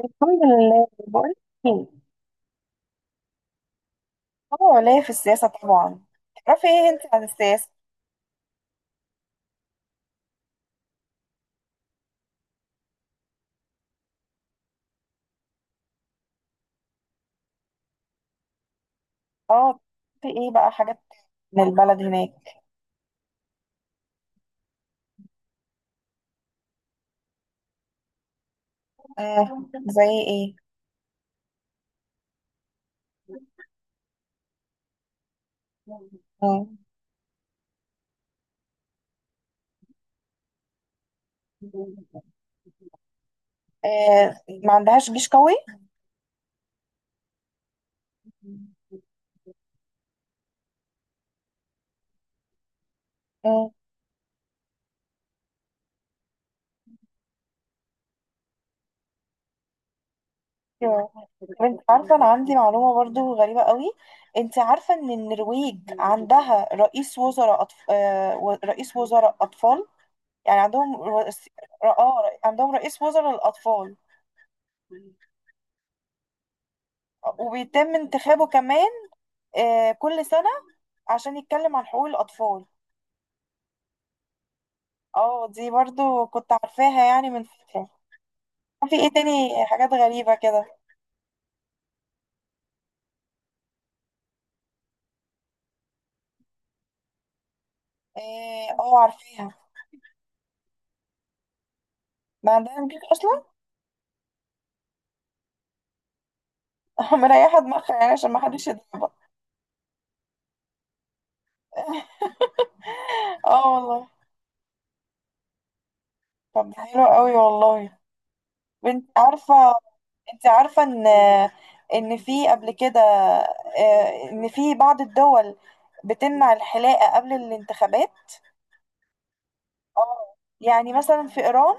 الحمد لله. بقول ايه؟ اه، ليا في السياسة طبعا. تعرفي ايه انت عن السياسة؟ اه، في ايه بقى حاجات من البلد هناك؟ آه، زي ايه؟ آه. آه. ما عندهاش جيش قوي؟ آه. ايوه. طب انت عارفة انا عندي معلومة برضو غريبة قوي. انت عارفة ان النرويج عندها رئيس وزراء رئيس وزراء اطفال. يعني عندهم رئيس... اه، عندهم رئيس وزراء للاطفال، وبيتم انتخابه كمان كل سنة عشان يتكلم عن حقوق الأطفال. اه، دي برضو كنت عارفاها يعني من فترة. في ايه تاني حاجات غريبة كده؟ اه، عارفاها. ما عندنا جيش اصلا. مريحة دماغها، يعني عشان ما حدش يضربها. اه والله. طب ده حلو قوي والله. انت عارفة انت عارفة ان في قبل كده، ان في بعض الدول بتمنع الحلاقة قبل الانتخابات. اه، يعني مثلا في إيران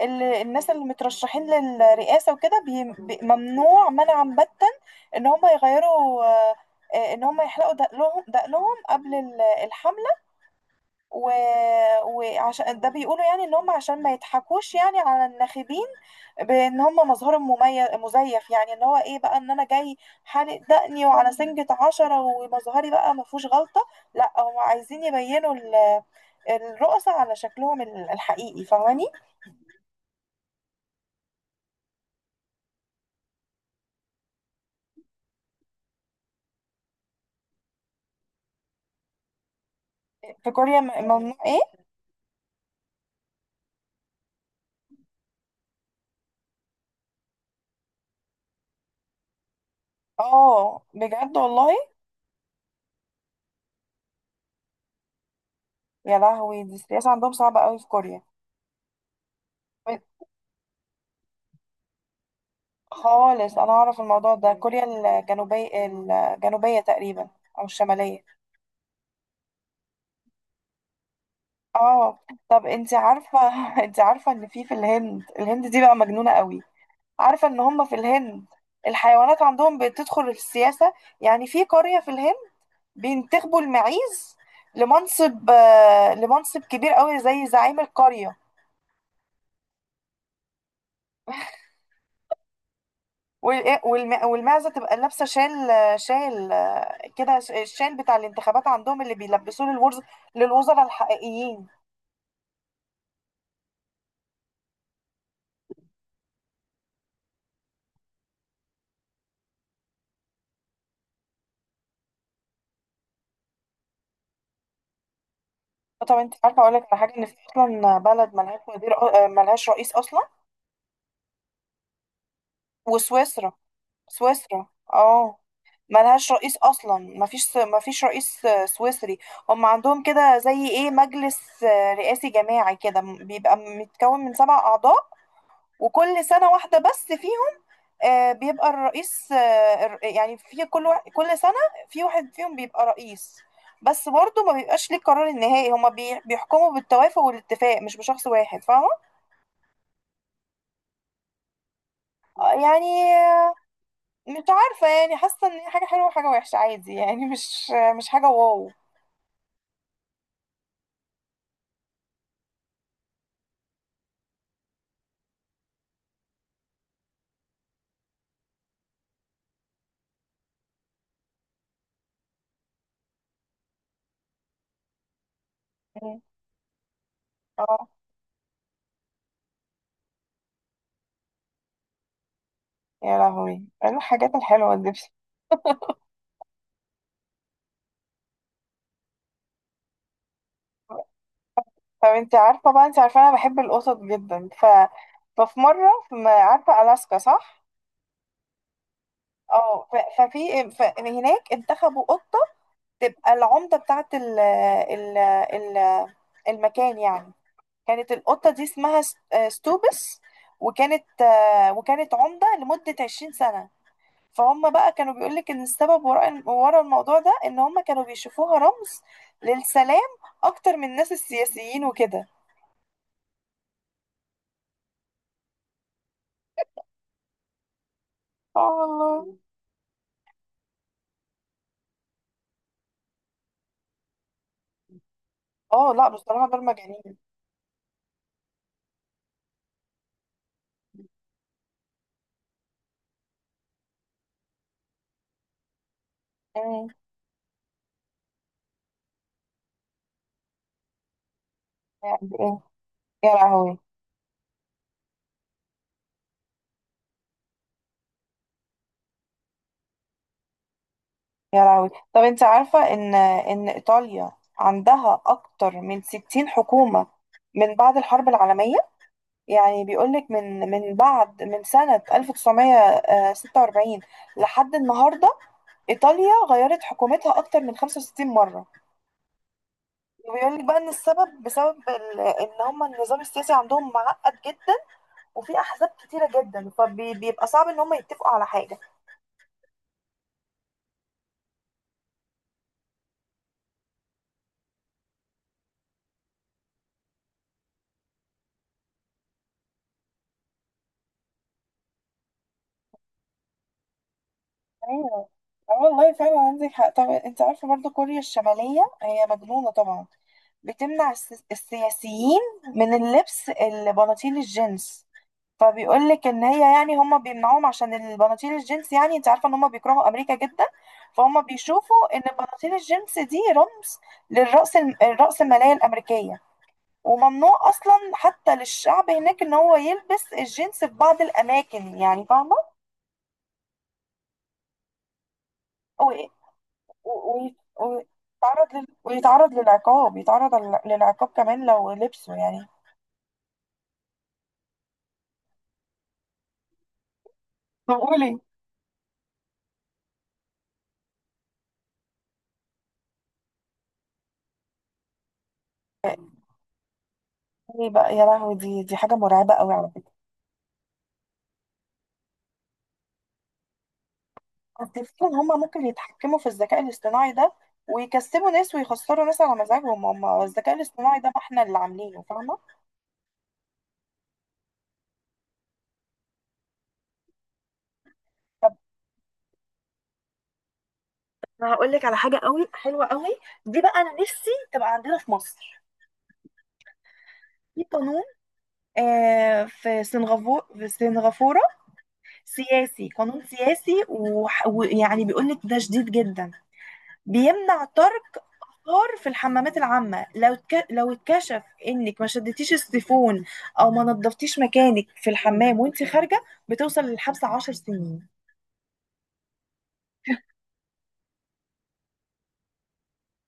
الناس اللي مترشحين للرئاسة وكده، ممنوع منعا باتا ان هم يغيروا آه، آه، ان هم يحلقوا دقنهم قبل الحملة و... وعشان ده بيقولوا، يعني ان هم عشان ما يضحكوش يعني على الناخبين، بان هم مظهرهم مميز مزيف، يعني ان هو ايه بقى؟ ان انا جاي حالق دقني وعلى سنجة 10، ومظهري بقى ما فيهوش غلطة. لا، هم عايزين يبينوا الرؤساء على شكلهم الحقيقي، فاهماني؟ في كوريا، ممنوع ايه؟ اه، بجد والله؟ يا لهوي، دي السياسة عندهم صعبة قوي في كوريا خالص. انا اعرف الموضوع ده، كوريا الجنوبية تقريبا، او الشمالية. اه. طب انت عارفة؟ انت عارفة ان في الهند؟ الهند دي بقى مجنونة قوي، عارفة ان هم في الهند الحيوانات عندهم بتدخل في السياسة. يعني في قرية في الهند بينتخبوا المعيز لمنصب كبير قوي زي زعيم القرية. والمعزة تبقى لابسة شال، كده، الشال بتاع الانتخابات عندهم اللي بيلبسوه للوزراء الحقيقيين. طب انت عارفة، اقول لك على حاجة؟ ان في اصلا بلد ملهاش وزير، ملهاش رئيس اصلا، وسويسرا. سويسرا، اه، ملهاش رئيس اصلا، مفيش رئيس سويسري. هم عندهم كده زي ايه، مجلس رئاسي جماعي كده، بيبقى متكون من 7 اعضاء. وكل سنة واحدة بس، في آه، بيبقى الرئيس، يعني في كل واحد، كل سنة في واحد فيهم بيبقى رئيس، بس برضه ما بيبقاش ليه القرار النهائي. هما بيحكموا بالتوافق والاتفاق، مش بشخص واحد، فاهمة؟ آه، يعني آه، مش عارفة، يعني حاسة ان هي حاجة حلوة وحاجة وحشة عادي، يعني مش حاجة واو. مم. اه، يا لهوي، إيه الحاجات الحلوة دي؟ طب انت عارفة بقى، انت عارفة انا بحب القطط جدا. ففي مرة في، ما عارفة، ألاسكا، صح؟ اه، هناك انتخبوا قط تبقى العمدة بتاعت ال ال ال المكان يعني. كانت القطة دي اسمها ستوبس، وكانت عمدة لمدة 20 سنة. فهم بقى كانوا بيقولك إن السبب ورا الموضوع ده إن هم كانوا بيشوفوها رمز للسلام، أكتر من الناس السياسيين وكده. اه والله. اه، لا بصراحة دول مجانين. مم. يعني إيه؟ يا لهوي. يا لهوي، طب انت عارفة ان ايطاليا عندها اكتر من 60 حكومة من بعد الحرب العالمية؟ يعني بيقولك من بعد، من سنة 1946 لحد النهاردة، ايطاليا غيرت حكومتها اكتر من 65 مرة. وبيقولك بقى ان السبب بسبب ان هم النظام السياسي عندهم معقد جدا، وفي احزاب كتيرة جدا، فبيبقى صعب ان هم يتفقوا على حاجة. ايوه. اه والله فعلا عندك حق. طب انت عارفه برضه كوريا الشماليه هي مجنونه طبعا، بتمنع السياسيين من اللبس، البناطيل الجينز. فبيقول لك ان هي، يعني هم بيمنعوهم عشان البناطيل الجينز، يعني انت عارفه ان هم بيكرهوا امريكا جدا، فهم بيشوفوا ان البناطيل الجينز دي رمز للرأس الرأس الماليه الامريكيه. وممنوع اصلا حتى للشعب هناك ان هو يلبس الجينز في بعض الاماكن، يعني فاهمه؟ و- ويت- ويتعرض للعقاب كمان لو لبسه يعني. طب قولي. ايه بقى؟ يا لهوي، دي حاجة مرعبة قوي على فكرة. تفتكر ان هم ممكن يتحكموا في الذكاء الاصطناعي ده، ويكسبوا ناس ويخسروا ناس على مزاجهم؟ هم الذكاء الاصطناعي ده ما احنا اللي عاملينه، فاهمة؟ طب انا هقول لك على حاجة قوي حلوة قوي. دي بقى، انا نفسي تبقى عندنا في مصر، في قانون، في سنغافورة. سياسي، قانون سياسي، ويعني بيقول لك ده شديد جدا. بيمنع ترك خار في الحمامات العامة. لو اتكشف انك ما شدتيش السيفون، او ما نظفتيش مكانك في الحمام وانت خارجة، بتوصل للحبس 10 سنين.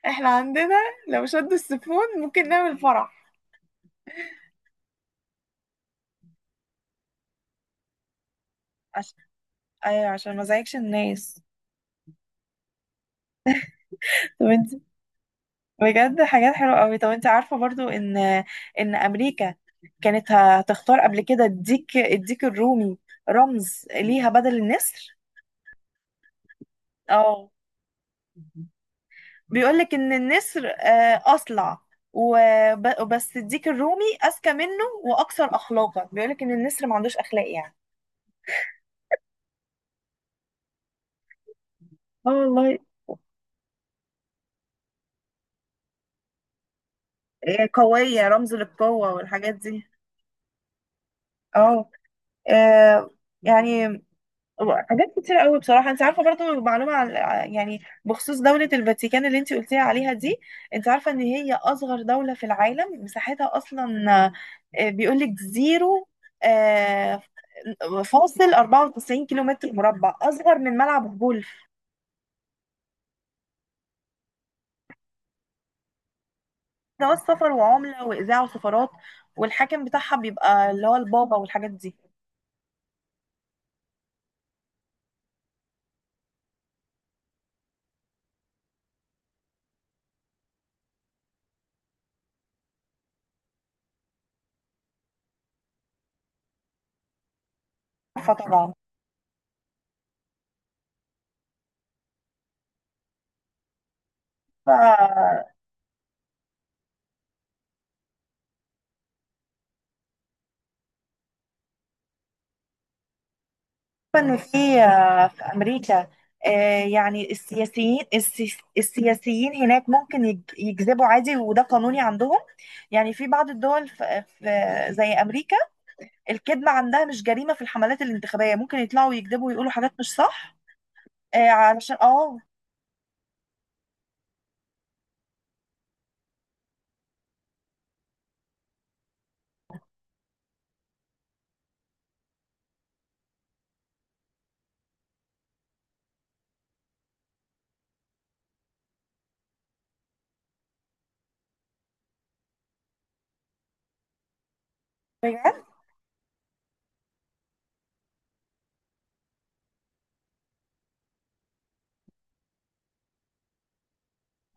احنا عندنا لو شدوا السيفون ممكن نعمل فرح. عشان ايوه، عشان ما ازعجش الناس. طب، بجد حاجات حلوة قوي. طب انت عارفة برضو ان امريكا كانت هتختار قبل كده الديك الرومي رمز ليها بدل النسر. اه، بيقولك ان النسر اصلع، وبس الديك الرومي اذكى منه واكثر اخلاقا، بيقولك ان النسر ما عندوش اخلاق يعني. اه والله. قوية، رمز للقوة والحاجات دي. اه آه، يعني حاجات كتير قوي بصراحه. انت عارفه برضو معلومه عن، يعني بخصوص دوله الفاتيكان اللي انت قلتيها عليها دي؟ انت عارفه ان هي اصغر دوله في العالم، مساحتها اصلا بيقول لك زيرو آه، فاصل 94 كيلو متر مربع، اصغر من ملعب غولف. ده سفر وعمله واذاعه وسفارات، والحاكم بتاعها بيبقى اللي هو البابا والحاجات دي. فطبعا إنه في أمريكا، يعني السياسيين، السياسيين هناك ممكن يكذبوا عادي، وده قانوني عندهم. يعني في بعض الدول زي أمريكا، الكذب عندها مش جريمة في الحملات الانتخابية، ممكن يطلعوا يكذبوا ويقولوا حاجات مش صح. علشان، بجد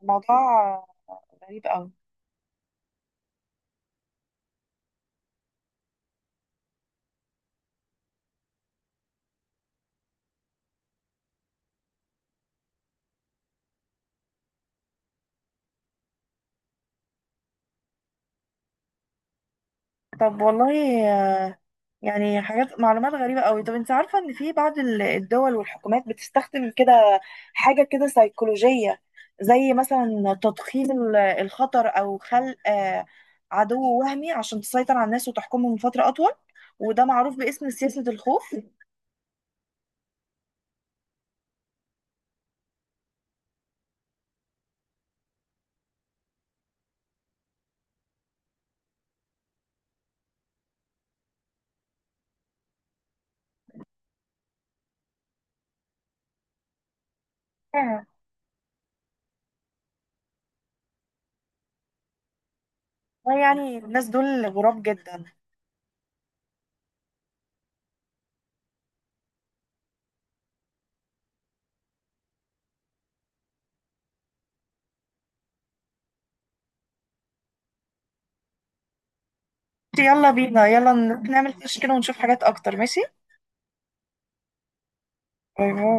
الموضوع غريب قوي. طب والله، يعني حاجات، معلومات غريبة قوي. طب انت عارفة ان في بعض الدول والحكومات بتستخدم كده حاجة كده سيكولوجية، زي مثلا تضخيم الخطر، او خلق عدو وهمي، عشان تسيطر على الناس وتحكمهم فترة اطول، وده معروف باسم سياسة الخوف. آه. يعني الناس دول غراب جدا. يلا بينا، يلا نعمل فيش كده ونشوف حاجات اكتر، ماشي؟ باي باي.